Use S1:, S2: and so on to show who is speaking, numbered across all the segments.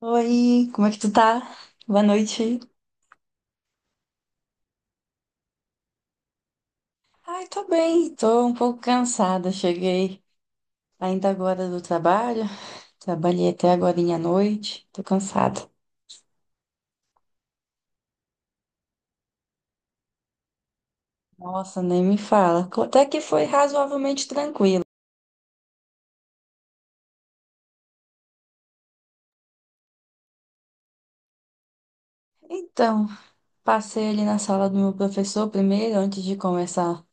S1: Oi, como é que tu tá? Boa noite. Ai, tô bem, tô um pouco cansada. Cheguei ainda agora do trabalho, trabalhei até agora à noite, tô cansada. Nossa, nem me fala. Até que foi razoavelmente tranquilo. Então, passei ali na sala do meu professor primeiro, antes de começar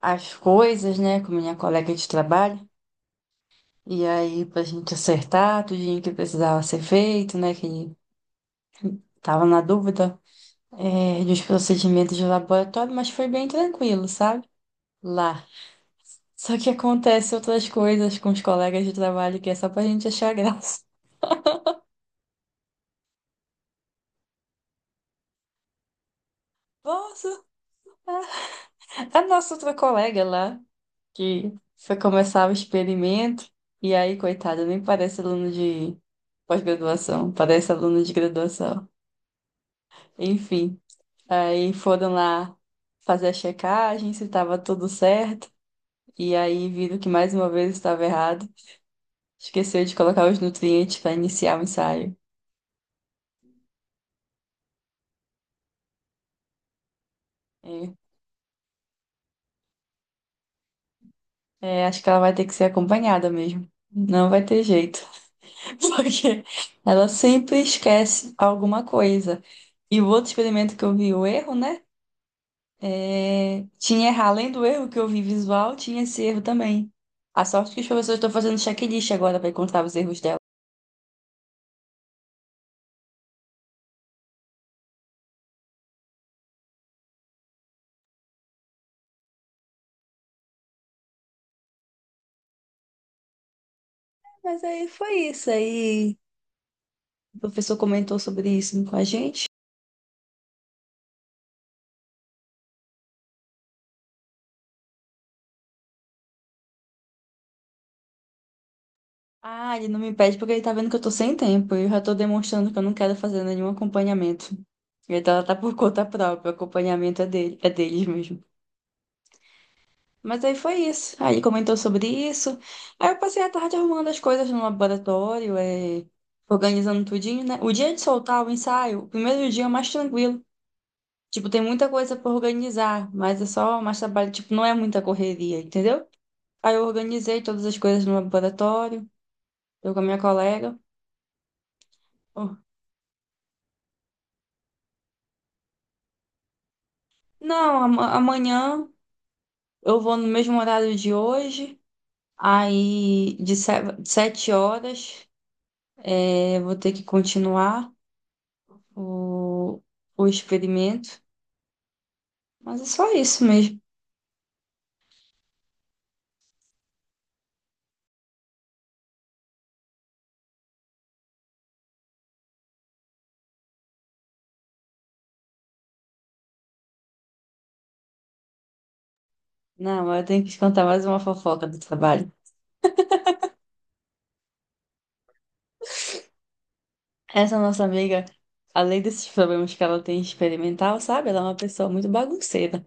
S1: as coisas, né, com minha colega de trabalho. E aí, pra gente acertar tudinho que precisava ser feito, né, que tava na dúvida. É, dos procedimentos de laboratório, mas foi bem tranquilo, sabe? Lá. Só que acontece outras coisas com os colegas de trabalho que é só pra gente achar graça. Nossa, a nossa outra colega lá, que foi começar o experimento, e aí, coitada, nem parece aluno de pós-graduação, parece aluno de graduação. Enfim, aí foram lá fazer a checagem, se estava tudo certo, e aí viram que mais uma vez estava errado. Esqueceu de colocar os nutrientes para iniciar o ensaio. É, é, acho que ela vai ter que ser acompanhada mesmo. Não vai ter jeito, porque ela sempre esquece alguma coisa. E o outro experimento que eu vi, o erro, né? É, tinha errar, além do erro que eu vi visual, tinha esse erro também. A sorte que os professores estão fazendo checklist agora para encontrar os erros dela. Mas aí foi isso. Aí o professor comentou sobre isso com a gente. Ah, ele não me pede porque ele tá vendo que eu tô sem tempo e eu já tô demonstrando que eu não quero fazer nenhum acompanhamento. Então ela tá por conta própria, o acompanhamento é dele, é deles mesmo. Mas aí foi isso. Aí ele comentou sobre isso. Aí eu passei a tarde arrumando as coisas no laboratório, é, organizando tudinho, né? O dia de soltar o ensaio, o primeiro dia é mais tranquilo. Tipo, tem muita coisa pra organizar, mas é só mais trabalho. Tipo, não é muita correria, entendeu? Aí eu organizei todas as coisas no laboratório, eu com a minha colega. Não, amanhã eu vou no mesmo horário de hoje. Aí, de se- sete horas, é, vou ter que continuar o, o experimento. Mas é só isso mesmo. Não, eu tenho que te contar mais uma fofoca do trabalho. Essa nossa amiga, além desses problemas que ela tem experimental, sabe? Ela é uma pessoa muito bagunceira.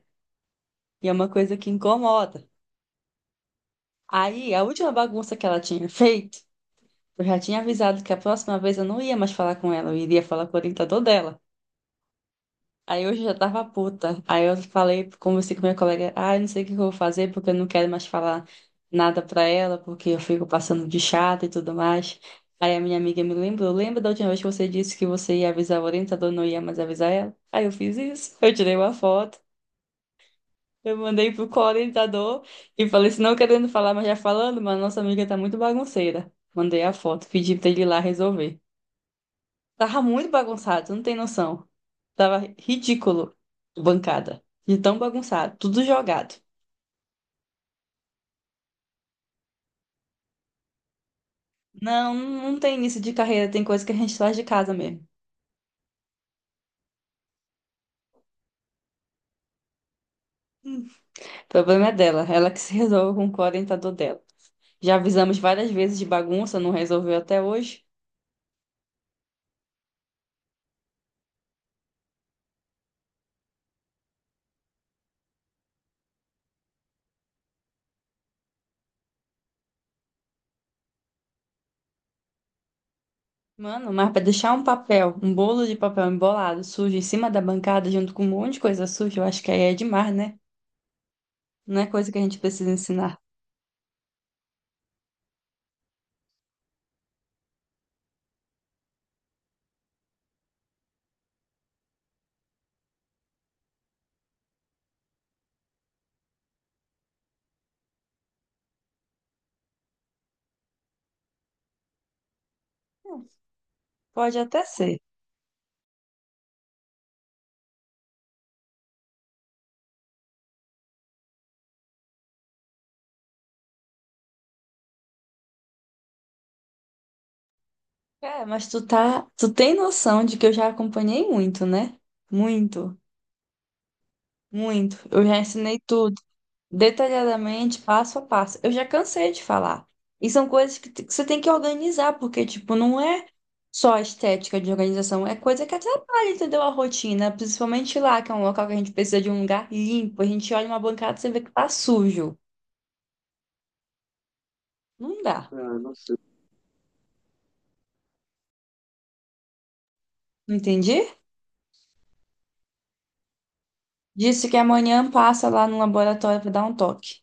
S1: E é uma coisa que incomoda. Aí, a última bagunça que ela tinha feito, eu já tinha avisado que a próxima vez eu não ia mais falar com ela, eu iria falar com o orientador dela. Aí eu já tava puta. Aí eu falei, conversei com minha colega, ah, eu não sei o que eu vou fazer, porque eu não quero mais falar nada pra ela, porque eu fico passando de chata e tudo mais. Aí a minha amiga me lembrou, lembra da última vez que você disse que você ia avisar o orientador, não ia mais avisar ela? Aí eu fiz isso, eu tirei uma foto, eu mandei pro co-orientador e falei, se não querendo falar, mas já falando, mas nossa amiga tá muito bagunceira. Mandei a foto, pedi pra ele ir lá resolver. Tava muito bagunçado, tu não tem noção. Tava ridículo, bancada. De tão bagunçado, tudo jogado. Não, não tem início de carreira, tem coisa que a gente faz de casa mesmo. Hum. O problema é dela, ela que se resolve com o orientador dela. Já avisamos várias vezes de bagunça, não resolveu até hoje. Mano, mas pra deixar um papel, um bolo de papel embolado, sujo, em cima da bancada, junto com um monte de coisa suja, eu acho que aí é demais, né? Não é coisa que a gente precisa ensinar. Pode até ser. É, mas tu tá, tu tem noção de que eu já acompanhei muito, né? Muito, muito. Eu já ensinei tudo, detalhadamente, passo a passo. Eu já cansei de falar. E são coisas que, que você tem que organizar, porque, tipo, não é só a estética de organização, é coisa que atrapalha, entendeu? A rotina, principalmente lá, que é um local que a gente precisa de um lugar limpo. A gente olha uma bancada e você vê que tá sujo. Não dá. Ah, não sei. Entendi? Disse que amanhã passa lá no laboratório pra dar um toque.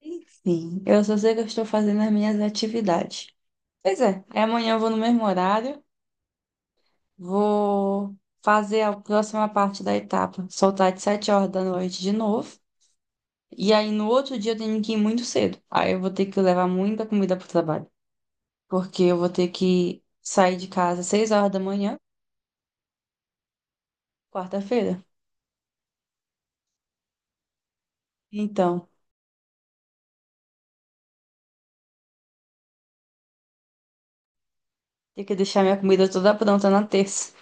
S1: Enfim, eu só sei que eu estou fazendo as minhas atividades. Pois é, aí amanhã eu vou no mesmo horário, vou fazer a próxima parte da etapa, soltar de 7 horas da noite de novo. E aí no outro dia eu tenho que ir muito cedo. Aí eu vou ter que levar muita comida para o trabalho, porque eu vou ter que sair de casa às 6 horas da manhã, quarta-feira. Então, tenho que deixar minha comida toda pronta na terça.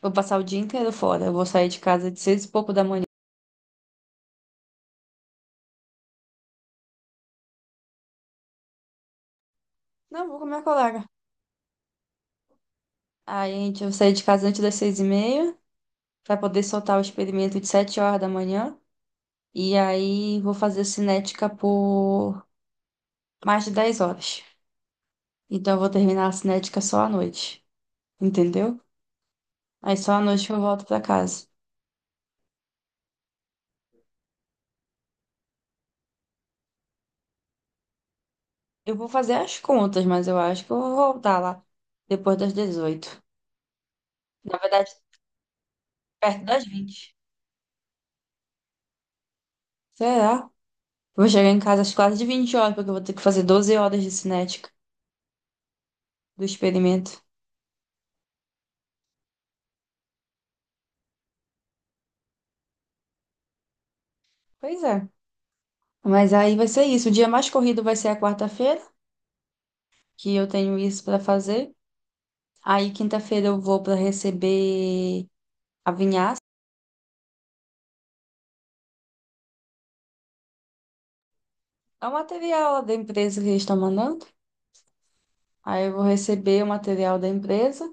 S1: Vou passar o dia inteiro fora. Eu vou sair de casa de seis e pouco da manhã. Não, vou com minha colega. Aí a gente eu saí de casa antes das 6h30 para poder soltar o experimento de 7 horas da manhã. E aí vou fazer cinética por mais de 10 horas. Então eu vou terminar a cinética só à noite, entendeu? Aí só à noite que eu volto para casa. Eu vou fazer as contas, mas eu acho que eu vou voltar lá depois das 18. Na verdade, perto das 20. Será? Vou chegar em casa às quase de 20 horas, porque eu vou ter que fazer 12 horas de cinética do experimento. Pois é. Mas aí vai ser isso. O dia mais corrido vai ser a quarta-feira, que eu tenho isso para fazer. Aí quinta-feira eu vou para receber a vinhaça. É o material da empresa que eles estão mandando. Aí eu vou receber o material da empresa.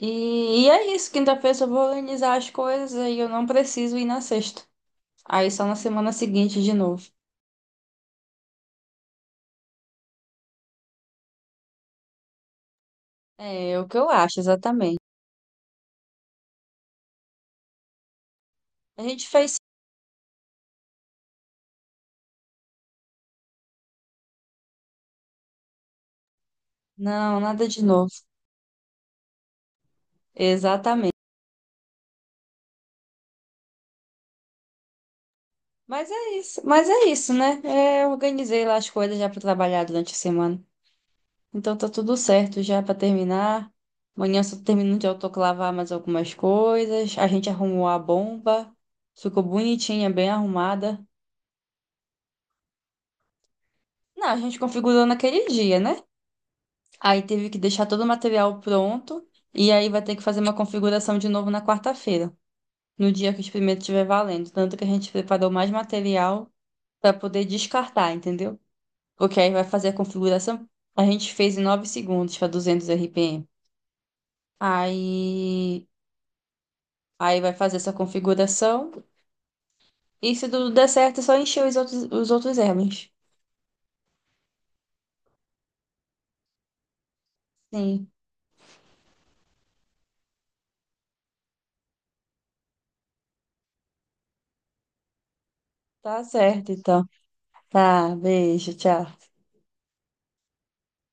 S1: E é isso. Quinta-feira eu só vou organizar as coisas e eu não preciso ir na sexta. Aí só na semana seguinte de novo. É, é o que eu acho, exatamente. A gente fez. Não, nada de novo. Exatamente. Mas é isso, né? É, eu organizei lá as coisas já para trabalhar durante a semana. Então tá tudo certo já para terminar. Amanhã eu só termino de autoclavar mais algumas coisas. A gente arrumou a bomba. Ficou bonitinha, bem arrumada. Não, a gente configurou naquele dia, né? Aí teve que deixar todo o material pronto. E aí vai ter que fazer uma configuração de novo na quarta-feira, no dia que o experimento estiver valendo. Tanto que a gente preparou mais material para poder descartar, entendeu? Porque aí vai fazer a configuração. A gente fez em 9 segundos para 200 RPM. Aí, aí, vai fazer essa configuração. E se tudo der certo, é só encher os outros erros. Sim, tá certo então. Tá, beijo, tchau.